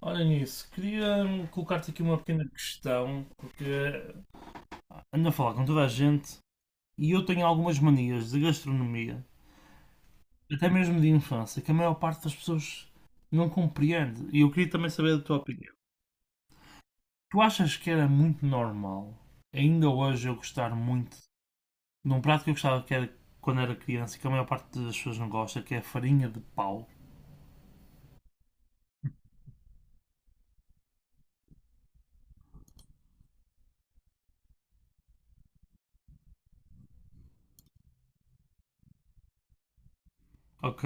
Olha nisso, queria colocar-te aqui uma pequena questão, porque ando a falar com toda a gente e eu tenho algumas manias de gastronomia, até mesmo de infância, que a maior parte das pessoas não compreende. E eu queria também saber da tua opinião. Tu achas que era muito normal, ainda hoje, eu gostar muito de um prato que eu gostava que era quando era criança e que a maior parte das pessoas não gosta, que é a farinha de pau? Ok.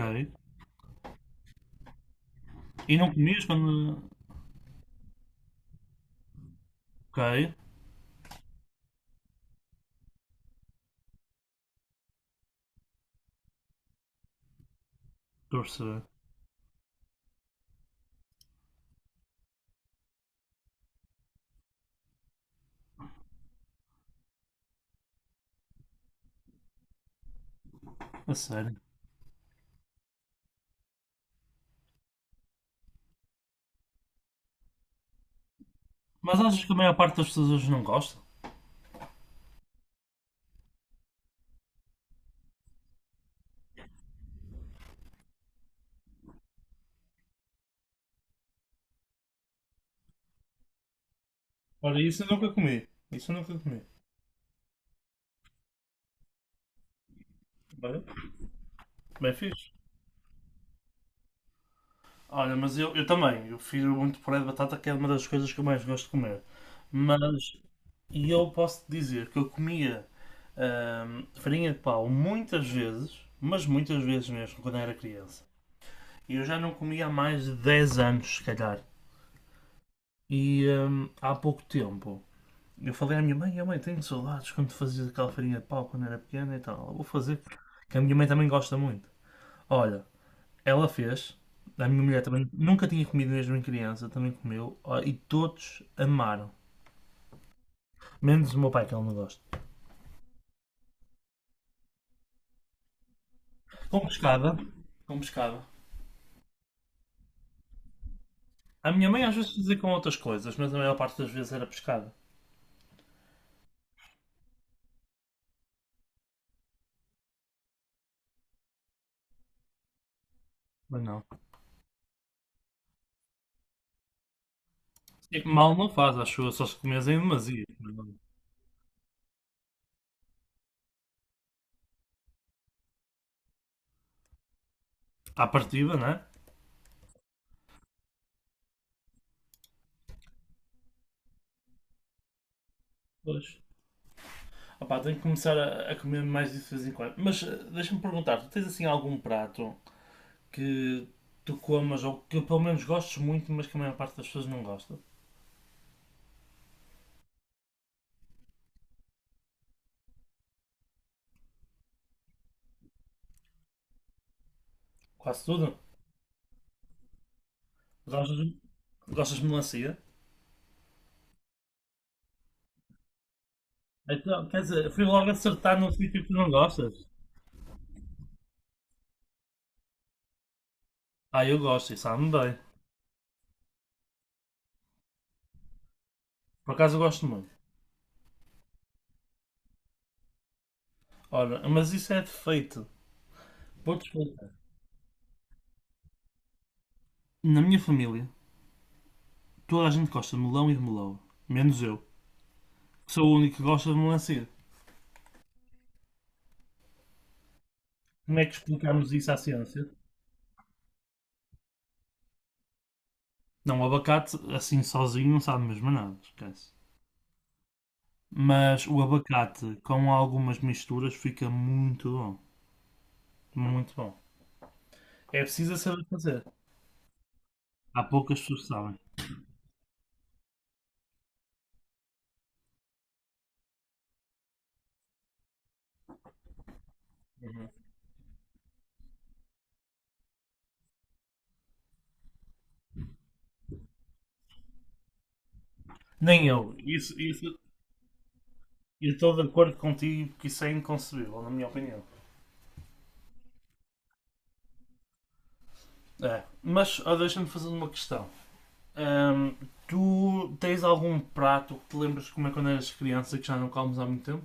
E não comias quando. Ok, estou a perceber. A sério. Mas achas que a maior parte das pessoas hoje não gosta? Olha, isso eu nunca comi. Isso eu nunca comi. Bem, bem fixe. Olha, mas eu também. Eu prefiro muito puré de batata, que é uma das coisas que eu mais gosto de comer. Mas, e eu posso te dizer que eu comia farinha de pau muitas vezes, mas muitas vezes mesmo, quando era criança. E eu já não comia há mais de 10 anos, se calhar. Há pouco tempo, eu falei à minha mãe, a mãe, tenho saudades quando fazias aquela farinha de pau quando era pequena e tal. Eu vou fazer, que a minha mãe também gosta muito. Olha, ela fez. A minha mulher também nunca tinha comido mesmo em criança, também comeu. Ó, e todos amaram. Menos o meu pai, que ele não gosta. Com pescada. Com pescada. A minha mãe às vezes fazia com outras coisas, mas a maior parte das vezes era pescada. Mas não. E mal não faz, acho eu, só se comes em demasia. Mas não. À partida, não é? Pois. Opá, tenho que começar a comer mais disso de vez em quando. Mas deixa-me perguntar, tu tens assim algum prato que tu comas ou que pelo menos gostes muito, mas que a maior parte das pessoas não gosta? Quase tudo? Gostas, gostas de melancia? Então, quer dizer, fui logo acertar num sítio que tu não gostas. Ah, eu gosto, e sabe-me bem. Por acaso eu gosto muito. Ora, mas isso é defeito. Vou-te explicar. Na minha família, toda a gente gosta de melão e de melão. Menos eu, que sou o único que gosta de melancia. Como é que explicamos isso à ciência? Não, o abacate assim sozinho não sabe mesmo a nada, esquece. Mas o abacate com algumas misturas fica muito bom. Muito bom. É preciso saber fazer. Há poucas pessoas que sabem. Nem eu. Isso, eu estou de acordo contigo porque isso é inconcebível, na minha opinião. É. Mas ó, deixa-me fazer uma questão. Ahm, Tu tens algum prato que te lembras de comer quando eras criança e que já não comes há muito tempo?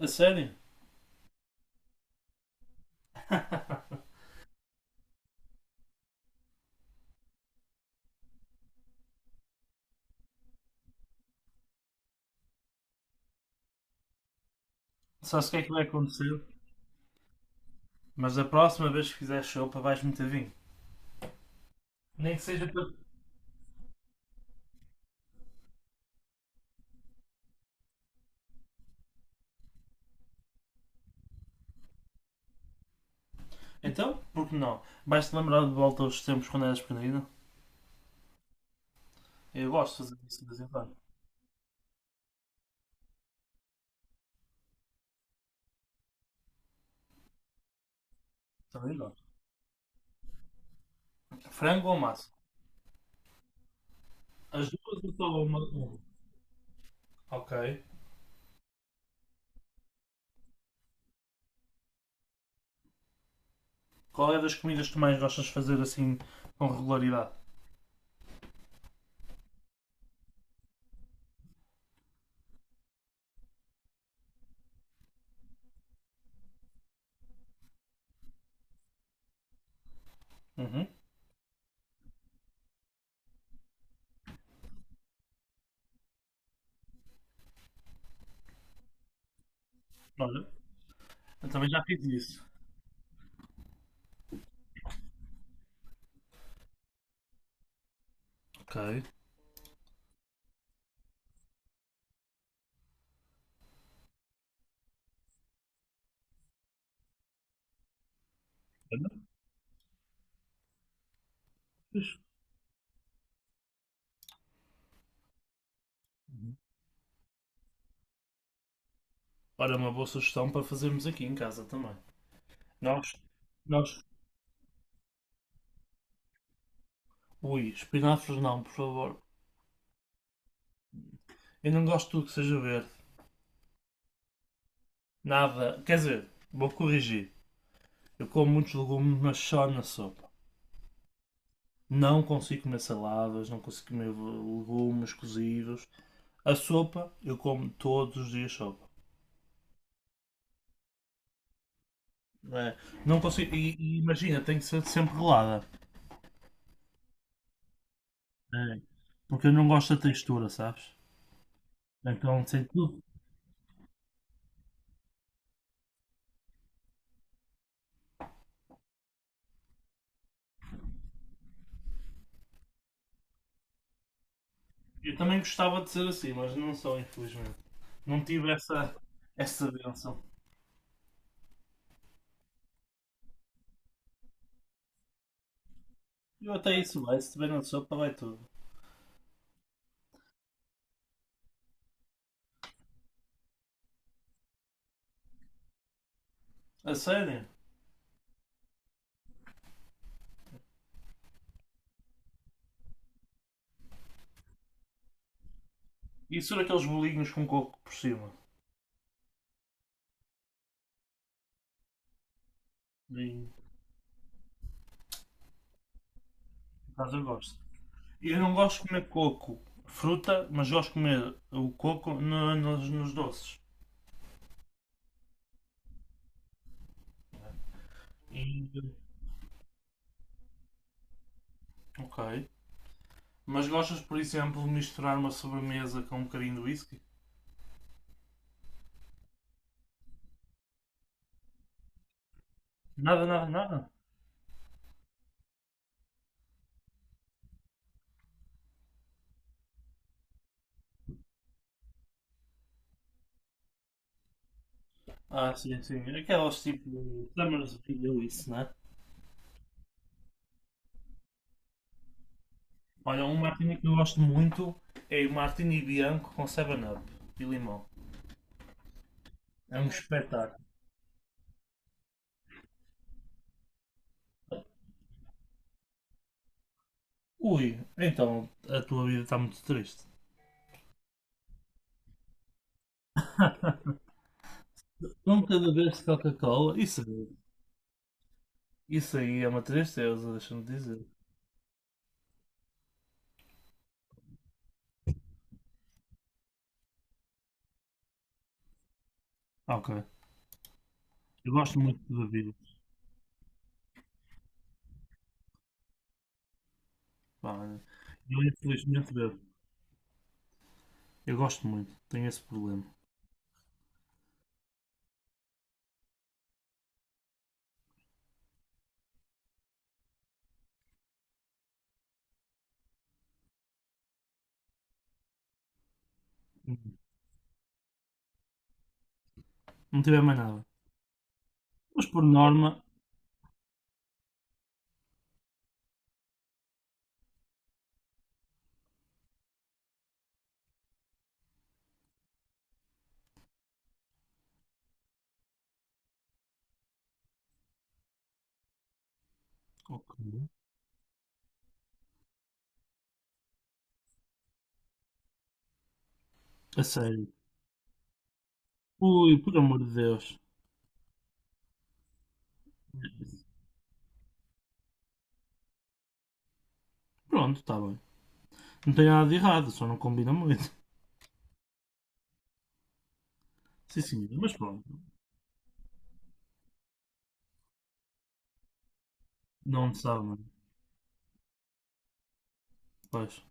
A sério? Sabes o que é que vai acontecer? Mas da próxima vez que fizeres sopa vais meter vinho. Nem que seja para... Então, por que não? Vais-te lembrar de volta aos tempos quando eras pequenino? Eu gosto de fazer isso de vez em quando. Também gosto. Frango ou massa? As duas ou só uma? Ok. Qual é das comidas que tu mais gostas de fazer assim com regularidade? Uhum. Olha, eu também já fiz isso. Ok. Olha, fixe. Uhum. Ora, uma boa sugestão para fazermos aqui em casa também. Nós, nós, ui, espinafres não, por favor. Eu não gosto de tudo que seja verde. Nada, quer dizer, vou corrigir. Eu como muitos legumes, mas só na sopa. Não consigo comer saladas, não consigo comer legumes cozidos. A sopa, eu como todos os dias sopa. É, não consigo. E imagina, tem que ser sempre rolada. É, porque eu não gosto da textura, sabes? Então sei tudo. Eu também gostava de ser assim, mas não sou, infelizmente. Não tive essa benção. Eu até isso vai, se tiver na sopa vai tudo. A sério? Isso era aqueles bolinhos com coco por cima. E, por acaso eu gosto. Eu não gosto de comer coco, fruta, mas gosto de comer o coco nos doces. E, ok. Mas gostas, por exemplo, de misturar uma sobremesa com um bocadinho de whisky? Nada, nada, nada. Ah, sim, sim. Aquelas tipo de Summersville ou isso, né? Olha, um martini que eu gosto muito é o martini bianco com 7-Up e limão. É um espetáculo. Ui, então a tua vida está muito triste. Nunca bebeste Coca-Cola? Isso, isso aí é uma tristeza, deixa-me dizer. Ok. Eu gosto muito de bebidas. Pá, eu infelizmente bebo. Eu gosto muito. Tenho esse problema. Não tiver mais nada. Mas por norma. Ok. A sério. Ui, por amor de Deus. Pronto, está bem. Não tem nada de errado, só não combina muito. Sim, sim, mas pronto. Não se sabe, mano. Faz.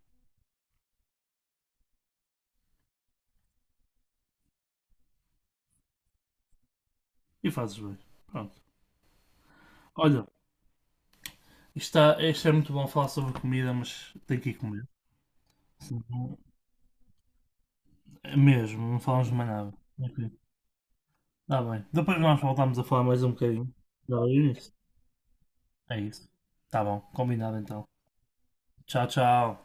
E fazes bem. Pronto. Olha, isto é muito bom falar sobre comida, mas tenho que ir comer. Senão- é mesmo, não falamos de mais nada. Ok. Está bem. Depois nós voltamos a falar mais um bocadinho. Dá aí nisso. É isso. Está bom, combinado então. Tchau, tchau.